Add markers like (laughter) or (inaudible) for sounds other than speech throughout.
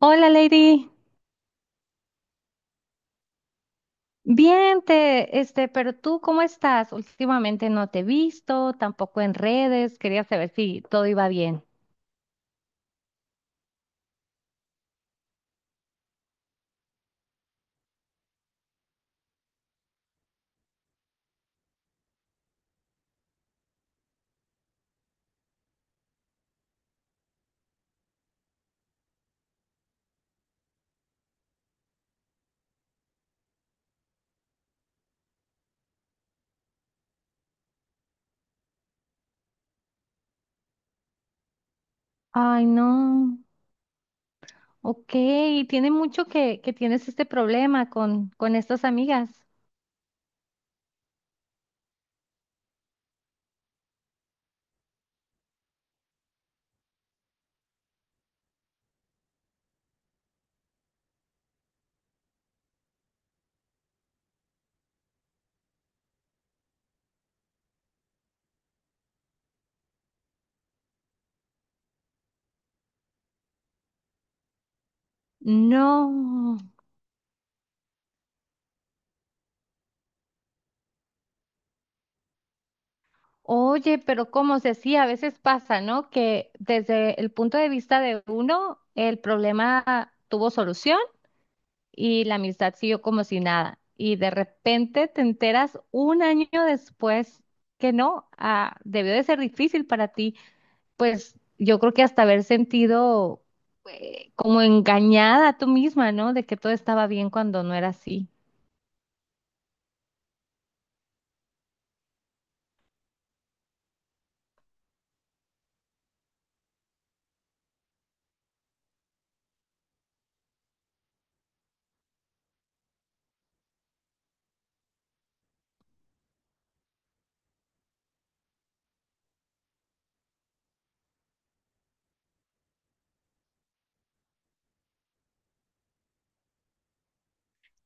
Hola, Lady. Bien, pero tú, ¿cómo estás? Últimamente no te he visto, tampoco en redes. Quería saber si todo iba bien. Ay, no. Ok, tiene mucho que tienes este problema con estas amigas. No. Oye, pero como se sí, a veces pasa, ¿no? Que desde el punto de vista de uno, el problema tuvo solución y la amistad siguió como si nada. Y de repente te enteras un año después que no, debió de ser difícil para ti. Pues yo creo que hasta haber sentido como engañada tú misma, ¿no? De que todo estaba bien cuando no era así.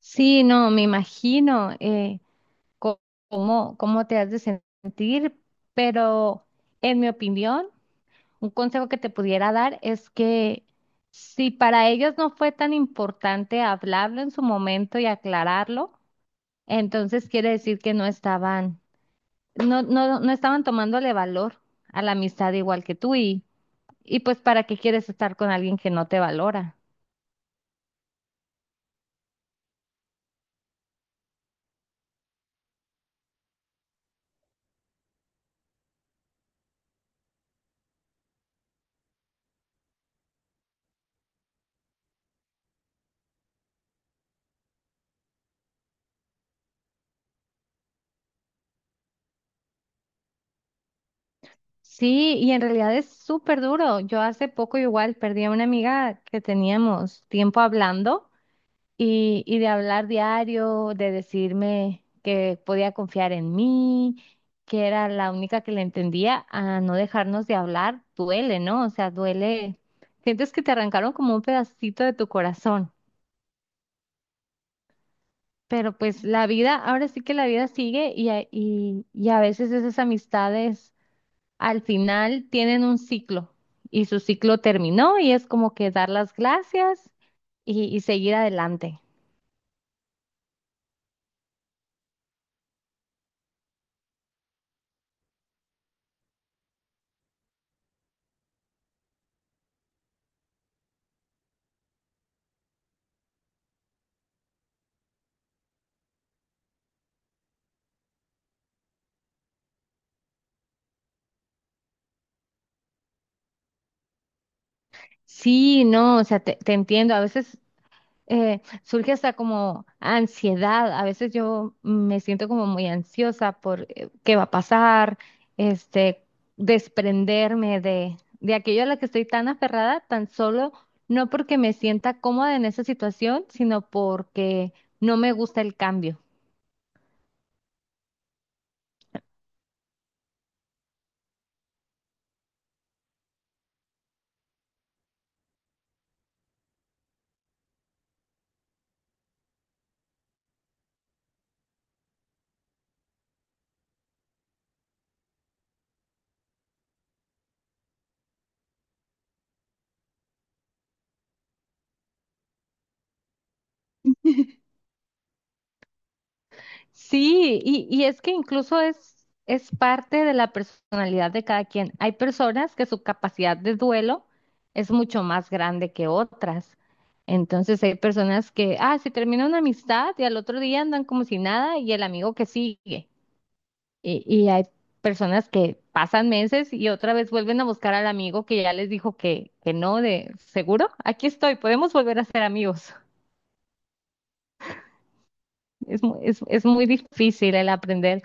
Sí, no, me imagino, co- cómo, cómo te has de sentir, pero en mi opinión, un consejo que te pudiera dar es que si para ellos no fue tan importante hablarlo en su momento y aclararlo, entonces quiere decir que no, no estaban tomándole valor a la amistad igual que tú. Y y pues ¿para qué quieres estar con alguien que no te valora? Sí, y en realidad es súper duro. Yo hace poco igual perdí a una amiga que teníamos tiempo hablando. Y de hablar diario, de decirme que podía confiar en mí, que era la única que le entendía, a no dejarnos de hablar, duele, ¿no? O sea, duele. Sientes que te arrancaron como un pedacito de tu corazón. Pero pues la vida, ahora sí que la vida sigue, y a veces esas amistades al final tienen un ciclo y su ciclo terminó, y es como que dar las gracias y seguir adelante. Sí, no, o sea, te entiendo. A veces surge hasta como ansiedad. A veces yo me siento como muy ansiosa por, qué va a pasar, este, desprenderme de aquello a lo que estoy tan aferrada, tan solo no porque me sienta cómoda en esa situación, sino porque no me gusta el cambio. Sí, y es que incluso es parte de la personalidad de cada quien. Hay personas que su capacidad de duelo es mucho más grande que otras. Entonces hay personas que, se termina una amistad y al otro día andan como si nada, y el amigo que sigue. Y hay personas que pasan meses y otra vez vuelven a buscar al amigo que ya les dijo que no. De seguro, aquí estoy, podemos volver a ser amigos. Es muy difícil el aprender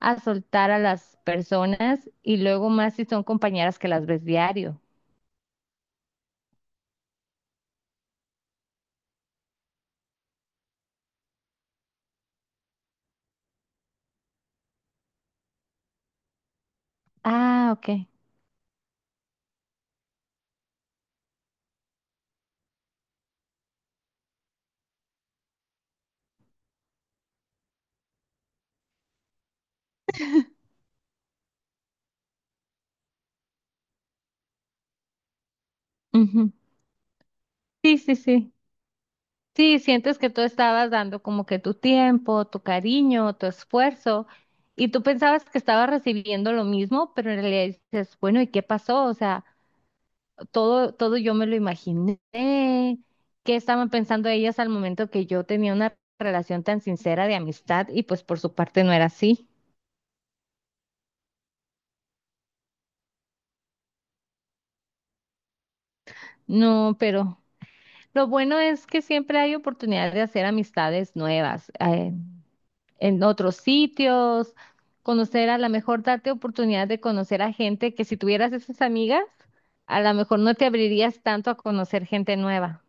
a soltar a las personas, y luego más si son compañeras que las ves diario. Ah, ok. Ujú. Sí, sí, sí. Sí, sientes que tú estabas dando como que tu tiempo, tu cariño, tu esfuerzo, y tú pensabas que estabas recibiendo lo mismo, pero en realidad dices, bueno, ¿y qué pasó? O sea, todo yo me lo imaginé. ¿Qué estaban pensando ellas al momento que yo tenía una relación tan sincera de amistad y pues por su parte no era así? No, pero lo bueno es que siempre hay oportunidad de hacer amistades nuevas, en otros sitios, conocer a lo mejor, darte oportunidad de conocer a gente que si tuvieras esas amigas, a lo mejor no te abrirías tanto a conocer gente nueva.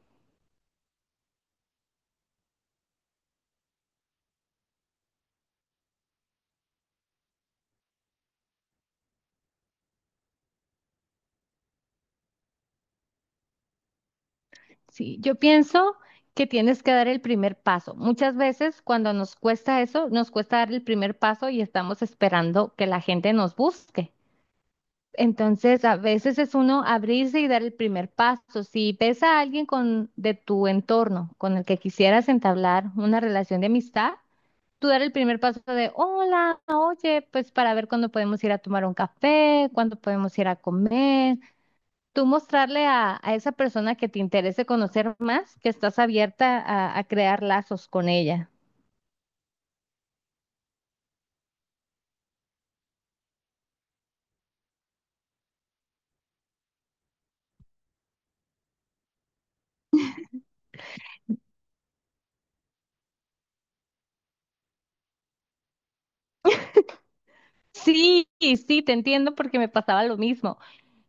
Sí, yo pienso que tienes que dar el primer paso. Muchas veces cuando nos cuesta eso, nos cuesta dar el primer paso y estamos esperando que la gente nos busque. Entonces, a veces es uno abrirse y dar el primer paso. Si ves a alguien de tu entorno con el que quisieras entablar una relación de amistad, tú dar el primer paso de, hola, oye, pues para ver cuándo podemos ir a tomar un café, cuándo podemos ir a comer. Tú mostrarle a esa persona que te interese conocer más, que estás abierta a crear lazos con ella. Sí, sí, te entiendo porque me pasaba lo mismo.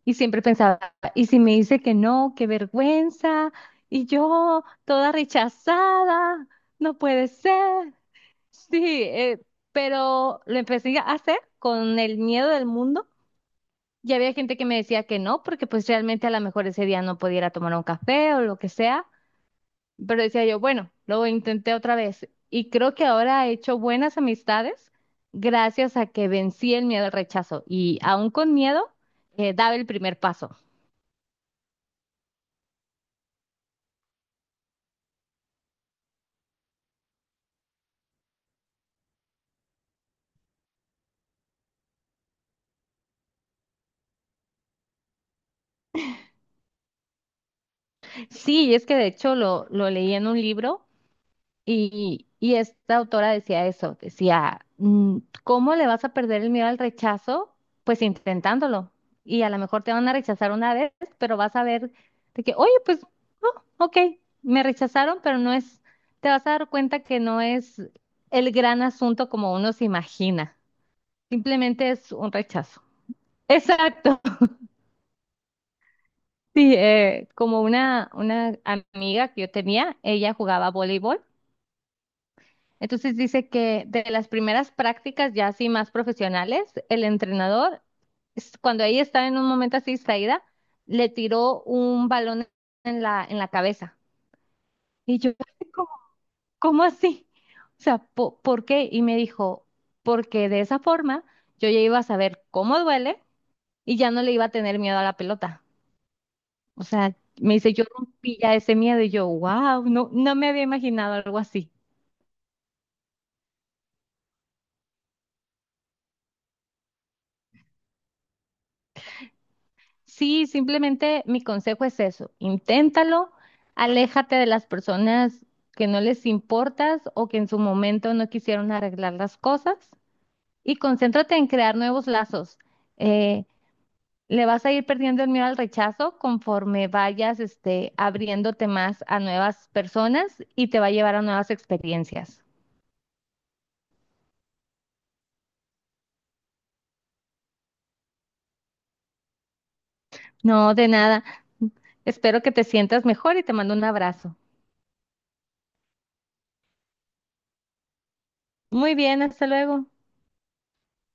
Y siempre pensaba, ¿y si me dice que no? ¡Qué vergüenza! Y yo, toda rechazada, no puede ser. Sí, pero lo empecé a hacer con el miedo del mundo. Y había gente que me decía que no, porque pues realmente a lo mejor ese día no pudiera tomar un café o lo que sea. Pero decía yo, bueno, lo intenté otra vez. Y creo que ahora he hecho buenas amistades gracias a que vencí el miedo al rechazo. Y aún con miedo, daba el primer paso. Sí, y es que de hecho lo leí en un libro, y esta autora decía eso, decía, mm, ¿cómo le vas a perder el miedo al rechazo? Pues intentándolo. Y a lo mejor te van a rechazar una vez, pero vas a ver de que, oye, pues, no, ok, me rechazaron, pero no es, te vas a dar cuenta que no es el gran asunto como uno se imagina. Simplemente es un rechazo. Exacto. (laughs) Sí, como una amiga que yo tenía, ella jugaba voleibol. Entonces dice que de las primeras prácticas ya así más profesionales, el entrenador, cuando ella estaba en un momento así distraída, le tiró un balón en en la cabeza. Y yo, (laughs) ¿cómo, cómo así? O sea, ¿por qué?" Y me dijo, porque de esa forma yo ya iba a saber cómo duele y ya no le iba a tener miedo a la pelota. O sea, me dice, yo rompí ya ese miedo y yo, wow, no, no me había imaginado algo así. Sí, simplemente mi consejo es eso, inténtalo, aléjate de las personas que no les importas o que en su momento no quisieron arreglar las cosas, y concéntrate en crear nuevos lazos. Eh, le vas a ir perdiendo el miedo al rechazo conforme vayas, abriéndote más a nuevas personas, y te va a llevar a nuevas experiencias. No, de nada. Espero que te sientas mejor y te mando un abrazo. Muy bien, hasta luego.